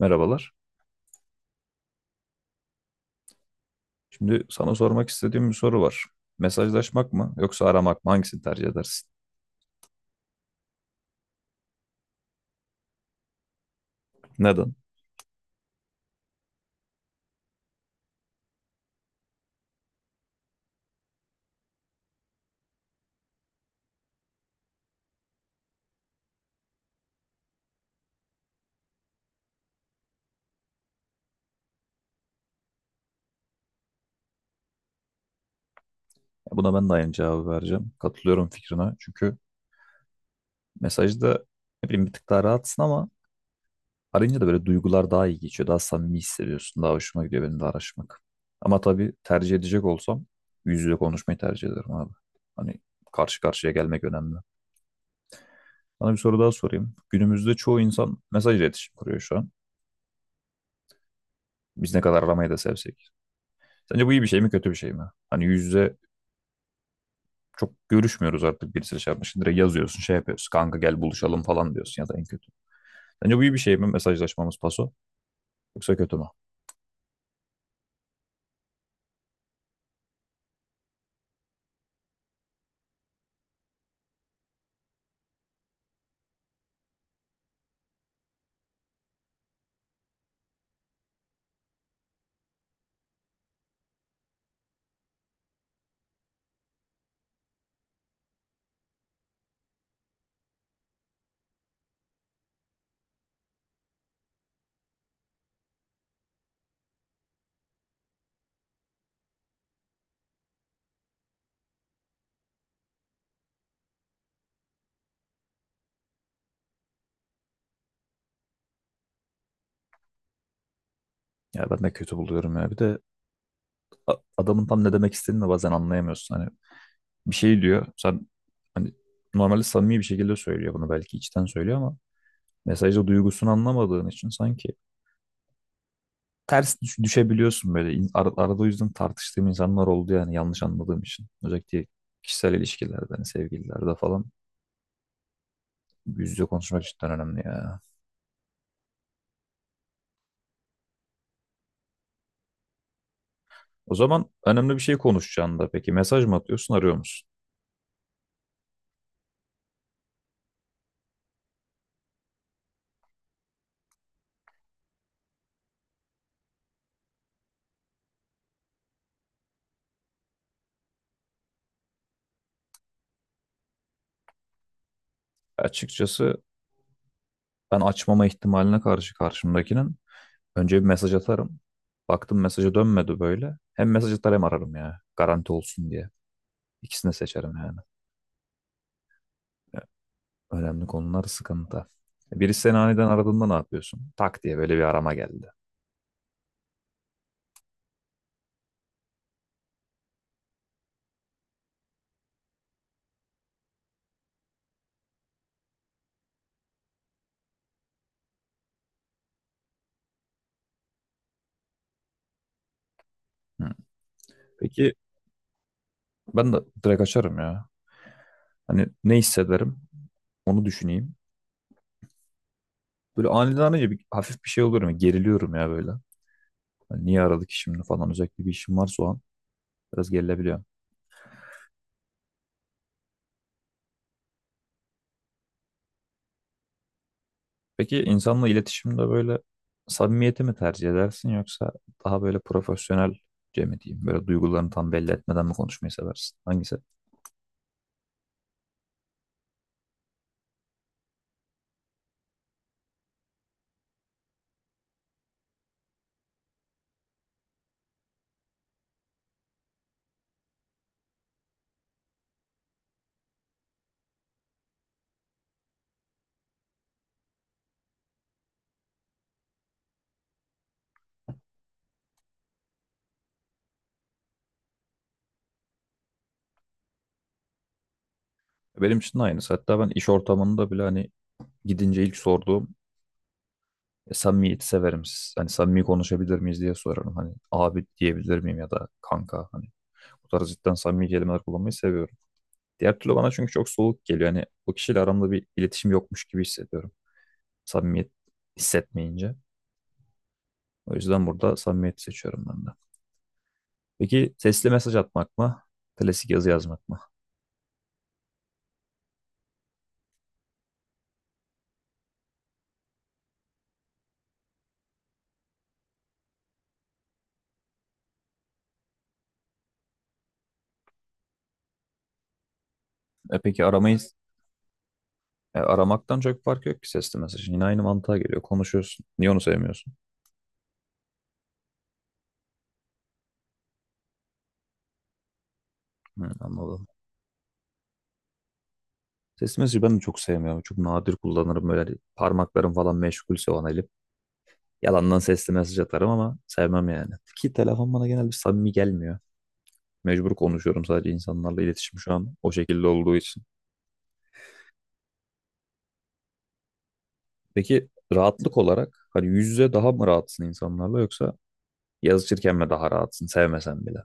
Merhabalar. Şimdi sana sormak istediğim bir soru var. Mesajlaşmak mı yoksa aramak mı? Hangisini tercih edersin? Neden? Ya buna ben de aynı cevabı vereceğim. Katılıyorum fikrine. Çünkü mesajda, ne bileyim, bir tık daha rahatsın ama arayınca da böyle duygular daha iyi geçiyor. Daha samimi hissediyorsun. Daha hoşuma gidiyor benim de araşmak. Ama tabii tercih edecek olsam yüz yüze konuşmayı tercih ederim abi. Hani karşı karşıya gelmek önemli. Sana bir soru daha sorayım. Günümüzde çoğu insan mesaj iletişim kuruyor şu an. Biz ne kadar aramayı da sevsek. Sence bu iyi bir şey mi kötü bir şey mi? Hani yüz yüze çok görüşmüyoruz artık, birisiyle şey yapmışsın. Direkt yazıyorsun, şey yapıyorsun. Kanka gel buluşalım falan diyorsun ya da en kötü. Sence bu iyi bir şey mi mesajlaşmamız paso? Yoksa kötü mü? Ya ben de kötü buluyorum ya. Bir de adamın tam ne demek istediğini de bazen anlayamıyorsun. Hani bir şey diyor. Sen hani normalde samimi bir şekilde söylüyor bunu, belki içten söylüyor ama mesajda duygusunu anlamadığın için sanki ters düşebiliyorsun böyle. Arada o yüzden tartıştığım insanlar oldu yani, yanlış anladığım için. Özellikle kişisel ilişkilerde, hani sevgililerde falan, yüz yüze konuşmak cidden önemli ya. O zaman önemli bir şey konuşacağında peki mesaj mı atıyorsun, arıyor musun? Açıkçası ben açmama ihtimaline karşı karşımdakinin önce bir mesaj atarım. Baktım mesajı dönmedi böyle. Hem mesaj atar hem ararım ya. Garanti olsun diye. İkisini seçerim yani. Önemli konular sıkıntı. Birisi seni aniden aradığında ne yapıyorsun? Tak diye böyle bir arama geldi. Hı. Peki ben de direkt açarım ya. Hani ne hissederim onu düşüneyim. Böyle aniden arayınca bir, hafif bir şey oluyorum ya. Geriliyorum ya böyle. Hani niye aradık ki şimdi falan, özellikle bir işim varsa o an biraz gerilebiliyor. Peki insanla iletişimde böyle samimiyeti mi tercih edersin yoksa daha böyle profesyonelce mi diyeyim? Böyle duygularını tam belli etmeden mi konuşmayı seversin? Hangisi? Benim için de aynısı. Hatta ben iş ortamında bile, hani gidince ilk sorduğum, "E, samimiyeti severim. Hani samimi konuşabilir miyiz" diye sorarım. Hani abi diyebilir miyim ya da kanka, hani bu tarz cidden samimi kelimeler kullanmayı seviyorum. Diğer türlü bana çünkü çok soğuk geliyor. Hani o kişiyle aramda bir iletişim yokmuş gibi hissediyorum. Samimiyet hissetmeyince. O yüzden burada samimiyeti seçiyorum ben de. Peki sesli mesaj atmak mı? Klasik yazı yazmak mı? E peki aramaktan çok fark yok ki sesli mesajın. Yine aynı mantığa geliyor. Konuşuyorsun. Niye onu sevmiyorsun? Hı, anladım. Sesli mesajı ben de çok sevmiyorum. Çok nadir kullanırım. Böyle hani parmaklarım falan meşgulse o an, elim. Yalandan sesli mesaj atarım ama sevmem yani. Ki telefon bana genelde samimi gelmiyor. Mecbur konuşuyorum, sadece insanlarla iletişim şu an o şekilde olduğu için. Peki rahatlık olarak hani yüz yüze daha mı rahatsın insanlarla, yoksa yazışırken mi daha rahatsın sevmesen bile?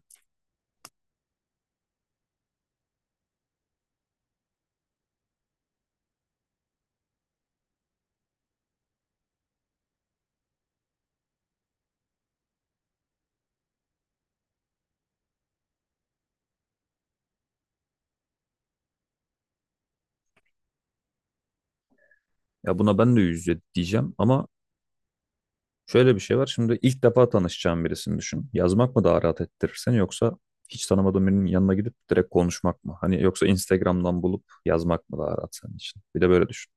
Ya buna ben de yüz yüze diyeceğim ama şöyle bir şey var. Şimdi ilk defa tanışacağın birisini düşün. Yazmak mı daha rahat ettirir seni, yoksa hiç tanımadığın birinin yanına gidip direkt konuşmak mı? Hani yoksa Instagram'dan bulup yazmak mı daha rahat senin için? Bir de böyle düşün.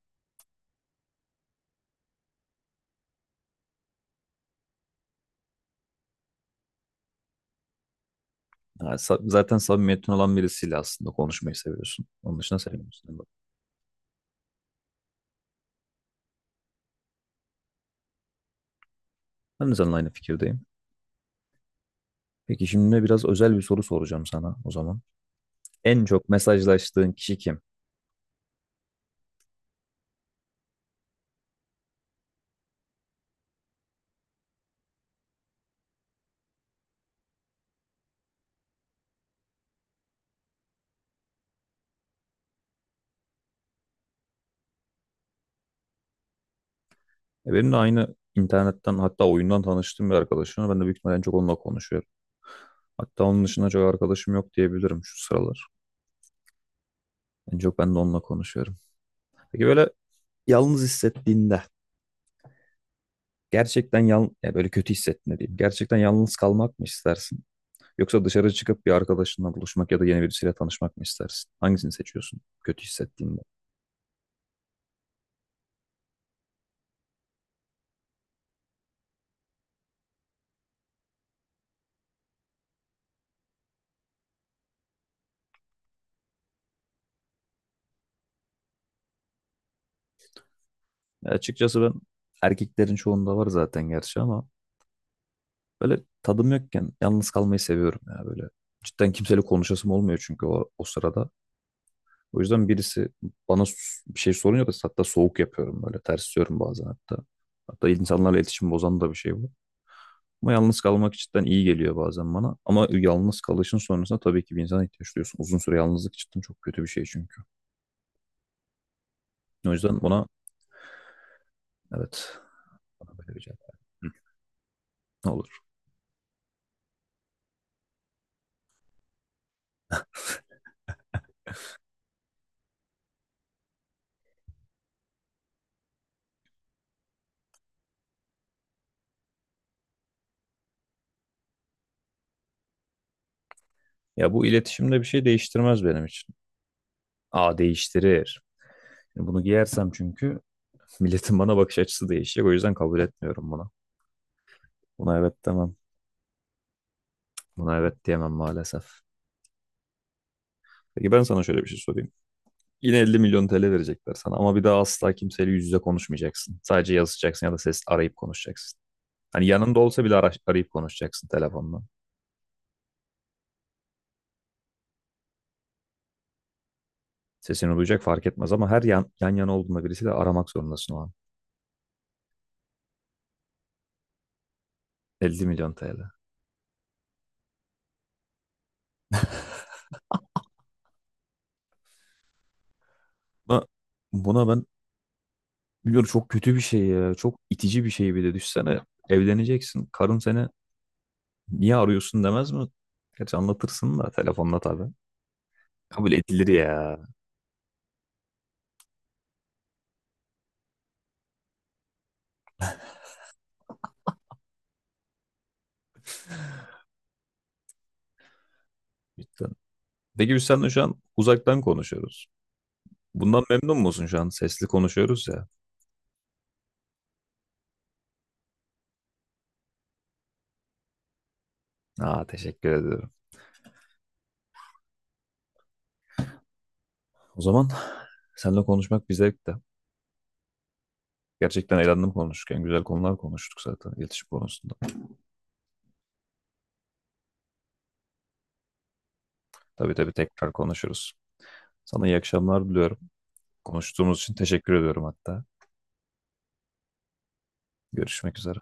Ha, zaten samimiyetin olan birisiyle aslında konuşmayı seviyorsun. Onun dışında sevmiyorsun. Ben de seninle aynı fikirdeyim. Peki şimdi biraz özel bir soru soracağım sana o zaman. En çok mesajlaştığın kişi kim? Benim de aynı, internetten hatta oyundan tanıştığım bir arkadaşım var. Ben de büyük ihtimalle en çok onunla konuşuyorum. Hatta onun dışında çok arkadaşım yok diyebilirim şu sıralar. En çok ben de onunla konuşuyorum. Peki böyle yalnız hissettiğinde, gerçekten ya böyle kötü hissettiğinde diyeyim. Gerçekten yalnız kalmak mı istersin? Yoksa dışarı çıkıp bir arkadaşınla buluşmak ya da yeni birisiyle tanışmak mı istersin? Hangisini seçiyorsun kötü hissettiğinde? Ya açıkçası ben, erkeklerin çoğunda var zaten gerçi ama, böyle tadım yokken yalnız kalmayı seviyorum ya böyle. Cidden kimseyle konuşasım olmuyor çünkü o sırada. O yüzden birisi bana bir şey soruyor da hatta soğuk yapıyorum böyle, tersliyorum bazen hatta. Hatta insanlarla iletişim bozan da bir şey bu. Ama yalnız kalmak cidden iyi geliyor bazen bana. Ama yalnız kalışın sonrasında tabii ki bir insana ihtiyaç duyuyorsun. Uzun süre yalnızlık cidden çok kötü bir şey çünkü. O yüzden buna evet, bana böyle bir cevap ver. Hı, olur. Ya bu iletişimde bir şey değiştirmez benim için. Aa, değiştirir. Bunu giyersem çünkü milletin bana bakış açısı değişecek. O yüzden kabul etmiyorum bunu. Buna evet demem. Buna evet diyemem maalesef. Peki ben sana şöyle bir şey sorayım. Yine 50 milyon TL verecekler sana ama bir daha asla kimseyle yüz yüze konuşmayacaksın. Sadece yazacaksın ya da ses arayıp konuşacaksın. Hani yanında olsa bile arayıp konuşacaksın telefonla. Sesini duyacak, fark etmez ama her yan yana olduğunda birisiyle aramak zorundasın o an. 50 milyon TL. Buna, buna ben biliyorum çok kötü bir şey ya. Çok itici bir şey bir de. Düşsene, evleneceksin. Karın seni, niye arıyorsun, demez mi? Gerçi anlatırsın da telefonla tabii. Kabul edilir ya. Cidden. Peki biz seninle şu an uzaktan konuşuyoruz. Bundan memnun musun şu an? Sesli konuşuyoruz ya. Aa, teşekkür ediyorum. O zaman seninle konuşmak bir zevkti. Gerçekten eğlendim konuşurken. Güzel konular konuştuk zaten, iletişim konusunda. Tabii tabii, tekrar konuşuruz. Sana iyi akşamlar diliyorum. Konuştuğumuz için teşekkür ediyorum hatta. Görüşmek üzere.